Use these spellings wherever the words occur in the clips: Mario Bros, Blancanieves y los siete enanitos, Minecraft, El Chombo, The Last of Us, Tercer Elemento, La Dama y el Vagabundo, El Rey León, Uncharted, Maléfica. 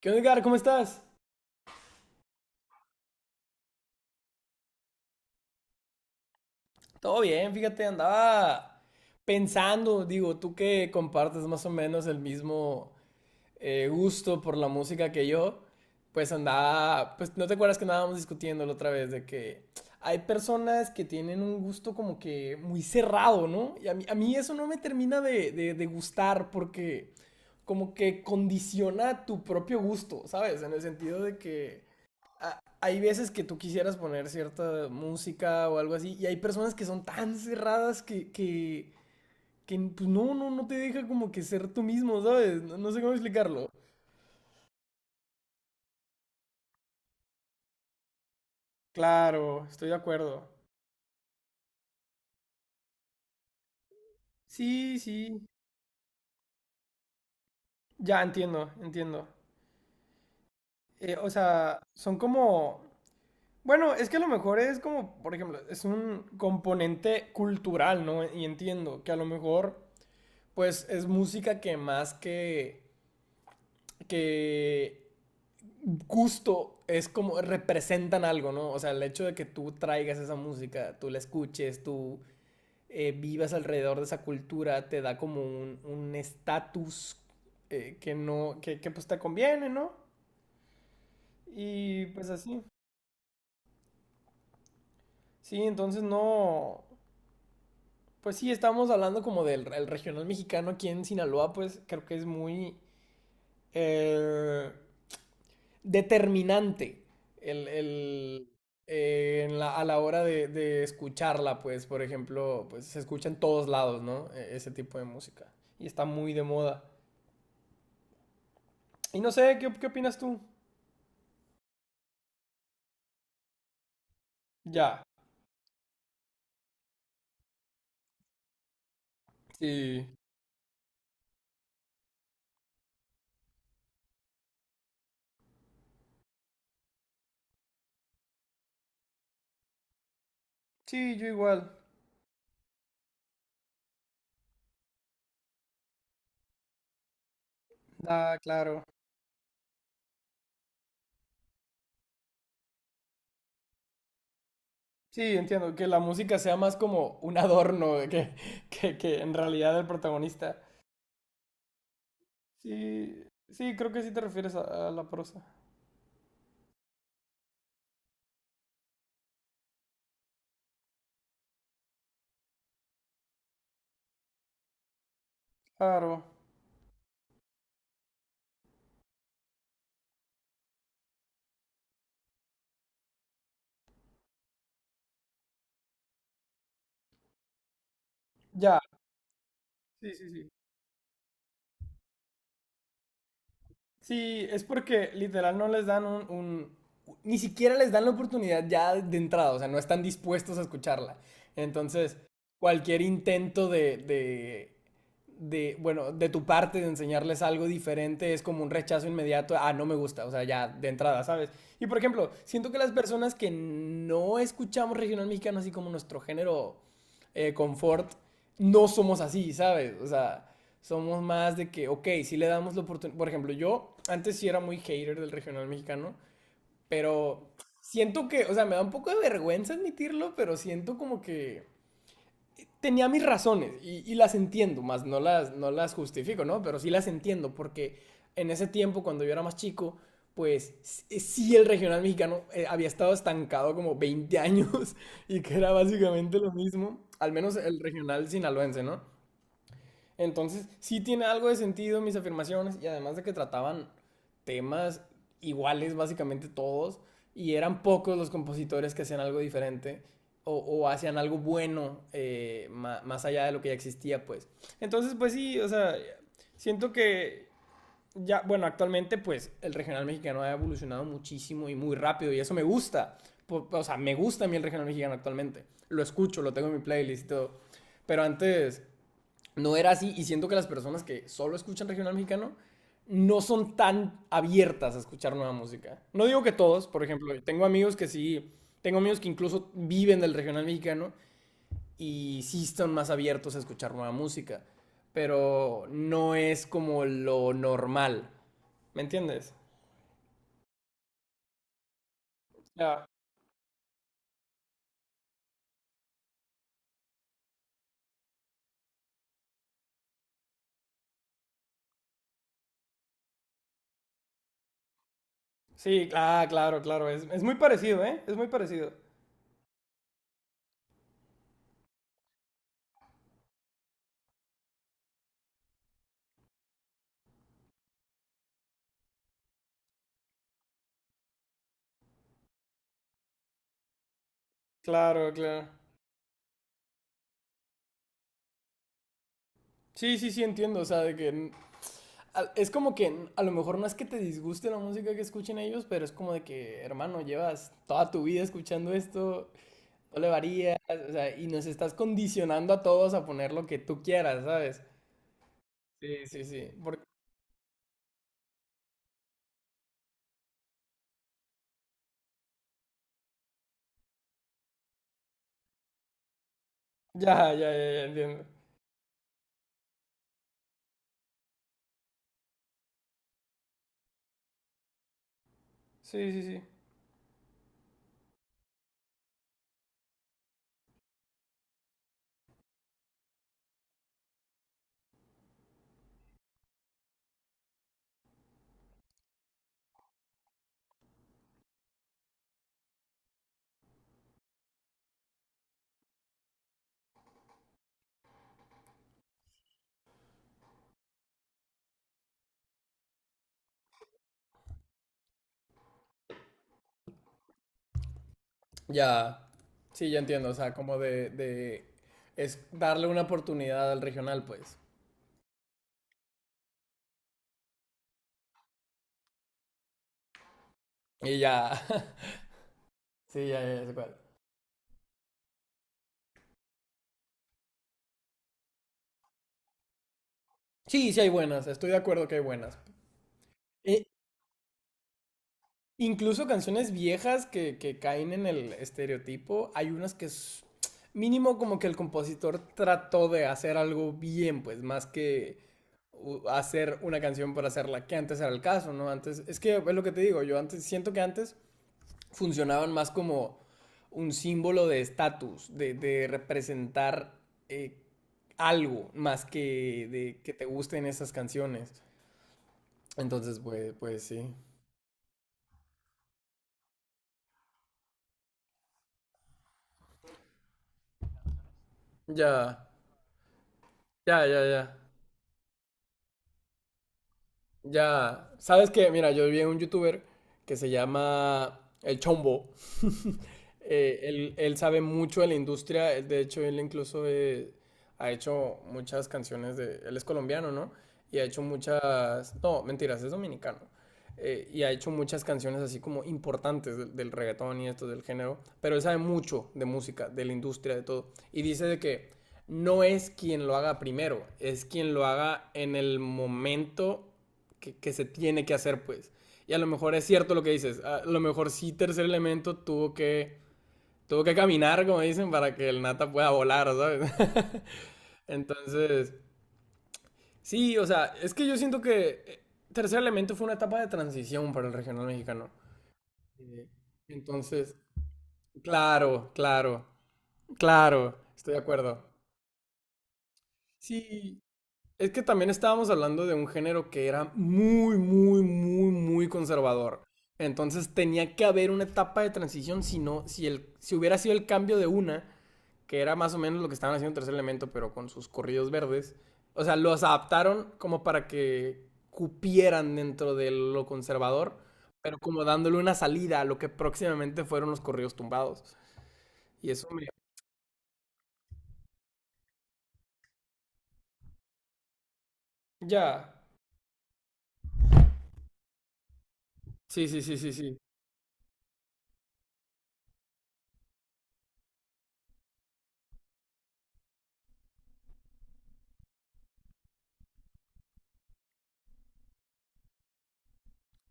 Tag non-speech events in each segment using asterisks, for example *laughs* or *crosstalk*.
¿Qué onda, Edgar? ¿Cómo estás? Todo bien, fíjate, andaba pensando, digo, tú que compartes más o menos el mismo gusto por la música que yo, pues andaba, pues no te acuerdas que andábamos discutiendo la otra vez de que hay personas que tienen un gusto como que muy cerrado, ¿no? Y a mí eso no me termina de gustar porque como que condiciona tu propio gusto, ¿sabes? En el sentido de que a, hay veces que tú quisieras poner cierta música o algo así, y hay personas que son tan cerradas que pues no, no, no te deja como que ser tú mismo, ¿sabes? No, no sé cómo explicarlo. Claro, estoy de acuerdo. Sí, sí. Ya entiendo, entiendo. O sea, son como... Bueno, es que a lo mejor es como, por ejemplo, es un componente cultural, ¿no? Y entiendo que a lo mejor, pues, es música que más que gusto es como representan algo, ¿no? O sea, el hecho de que tú traigas esa música, tú la escuches, tú vivas alrededor de esa cultura, te da como un estatus un que no, que, pues te conviene, ¿no? Y pues así. Sí, entonces no, pues sí, estamos hablando como del el regional mexicano aquí en Sinaloa, pues creo que es muy... Eh, determinante el, en la- a la hora de escucharla, pues, por ejemplo, pues se escucha en todos lados, ¿no? E- Ese tipo de música. Y está muy de moda. Y no sé, ¿qué, qué opinas tú? Ya. Sí. Sí, yo igual. Ah, claro. Sí, entiendo, que la música sea más como un adorno de que, *laughs* que en realidad el protagonista. Sí, sí, creo que sí te refieres a la prosa. Claro. Ya. Sí, sí, sí. Sí, es porque literal no les dan un- Ni siquiera les dan la oportunidad ya de entrada, o sea, no están dispuestos a escucharla. Entonces, cualquier intento de, bueno, de tu parte de enseñarles algo diferente es como un rechazo inmediato, ah, no me gusta, o sea, ya de entrada, ¿sabes? Y por ejemplo, siento que las personas que no escuchamos regional mexicano así como nuestro género confort, no somos así, ¿sabes? O sea, somos más de que, ok, si le damos la oportunidad. Por ejemplo, yo antes sí era muy hater del regional mexicano, pero siento que, o sea, me da un poco de vergüenza admitirlo, pero siento como que tenía mis razones y las entiendo, más no las, no las justifico, ¿no? Pero sí las entiendo porque en ese tiempo, cuando yo era más chico, pues sí el regional mexicano había estado estancado como 20 años *laughs* y que era básicamente lo mismo, al menos el regional sinaloense, ¿no? Entonces, sí tiene algo de sentido mis afirmaciones y además de que trataban temas iguales básicamente todos y eran pocos los compositores que hacían algo diferente o hacían algo bueno ma- más allá de lo que ya existía, pues. Entonces, pues sí, o sea, siento que ya, bueno, actualmente pues el regional mexicano ha evolucionado muchísimo y muy rápido y eso me gusta. O sea, me gusta a mí el regional mexicano actualmente. Lo escucho, lo tengo en mi playlist y todo. Pero antes no era así y siento que las personas que solo escuchan regional mexicano no son tan abiertas a escuchar nueva música. No digo que todos, por ejemplo, tengo amigos que sí, tengo amigos que incluso viven del regional mexicano y sí están más abiertos a escuchar nueva música, pero no es como lo normal. ¿Me entiendes? Ya. Sí, ah, claro, claro, es muy parecido, ¿eh? Es muy parecido. Claro, claro. Sí, sí, sí, entiendo, o sea, de que es como que a lo mejor no es que te disguste la música que escuchen ellos, pero es como de que, hermano, llevas toda tu vida escuchando esto, no le varías, o sea, y nos estás condicionando a todos a poner lo que tú quieras, ¿sabes? Sí, sí, sí. Porque- Ya, ya, ya, ya entiendo. Sí, sí, sí. Ya, sí, ya entiendo, o sea, como de, es darle una oportunidad al regional, pues. Y ya, *laughs* sí, ya, ya, ya sé cuál. Sí, sí hay buenas, estoy de acuerdo que hay buenas. E- Incluso canciones viejas que caen en el estereotipo, hay unas que es mínimo como que el compositor trató de hacer algo bien, pues más que u- hacer una canción por hacerla, que antes era el caso, ¿no? Antes, es que es lo que te digo, yo antes siento que antes funcionaban más como un símbolo de estatus, de representar eh, algo más que de que te gusten esas canciones. Entonces, pues, pues sí. Ya, ya, ya, ya. Ya, sabes que, mira, yo vi a un youtuber que se llama El Chombo, él sabe mucho de la industria, él- de hecho él incluso ha hecho muchas canciones de, él es colombiano, ¿no? Y ha hecho muchas, no, mentiras, es dominicano. Y ha hecho muchas canciones así como importantes del, del reggaetón y esto del género, pero él sabe mucho de música, de la industria, de todo. Y dice de que no es quien lo haga primero, es quien lo haga en el momento que se tiene que hacer, pues. Y a lo mejor es cierto lo que dices, a lo mejor sí Tercer Elemento tuvo que tuvo que caminar, como dicen, para que el nata pueda volar, ¿sabes? *laughs* Entonces, sí, o sea, es que yo siento que Tercer Elemento fue una etapa de transición para el regional mexicano. Eh, Entonces, claro, claro, claro, estoy de acuerdo. Sí, es que también estábamos hablando de un género que era muy, muy, muy, muy conservador. Entonces tenía que haber una etapa de transición, si no, si el, si hubiera sido el cambio de una, que era más o menos lo que estaban haciendo Tercer Elemento, pero con sus corridos verdes. O sea, los adaptaron como para que cupieran dentro de lo conservador, pero como dándole una salida a lo que próximamente fueron los corridos tumbados. Y eso me... Ya. Sí, sí, sí, sí, sí.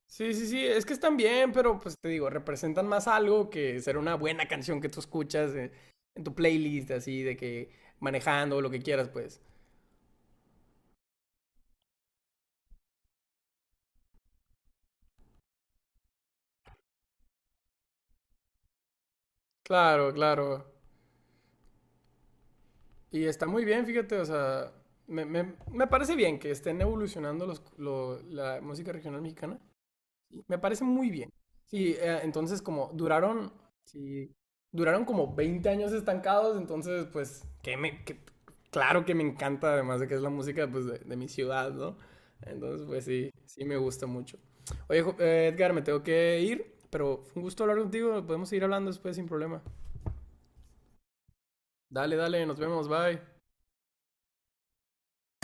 Sí, sí, sí, es que están bien, pero pues te digo, representan más algo que ser una buena canción que tú escuchas en tu playlist, así, de que manejando o lo que quieras, pues. Claro, claro. Y está muy bien, fíjate, o sea, me- me parece bien que estén evolucionando los, lo- la música regional mexicana. Sí, me parece muy bien. Sí, entonces como duraron, sí, duraron como 20 años estancados, entonces pues, que me, que- claro que me encanta, además de que es la música pues de mi ciudad, ¿no? Entonces pues sí, sí me gusta mucho. Oye, Jo- Edgar, me tengo que ir, pero fue un gusto hablar contigo, podemos seguir hablando después sin problema. Dale, dale, nos vemos, bye.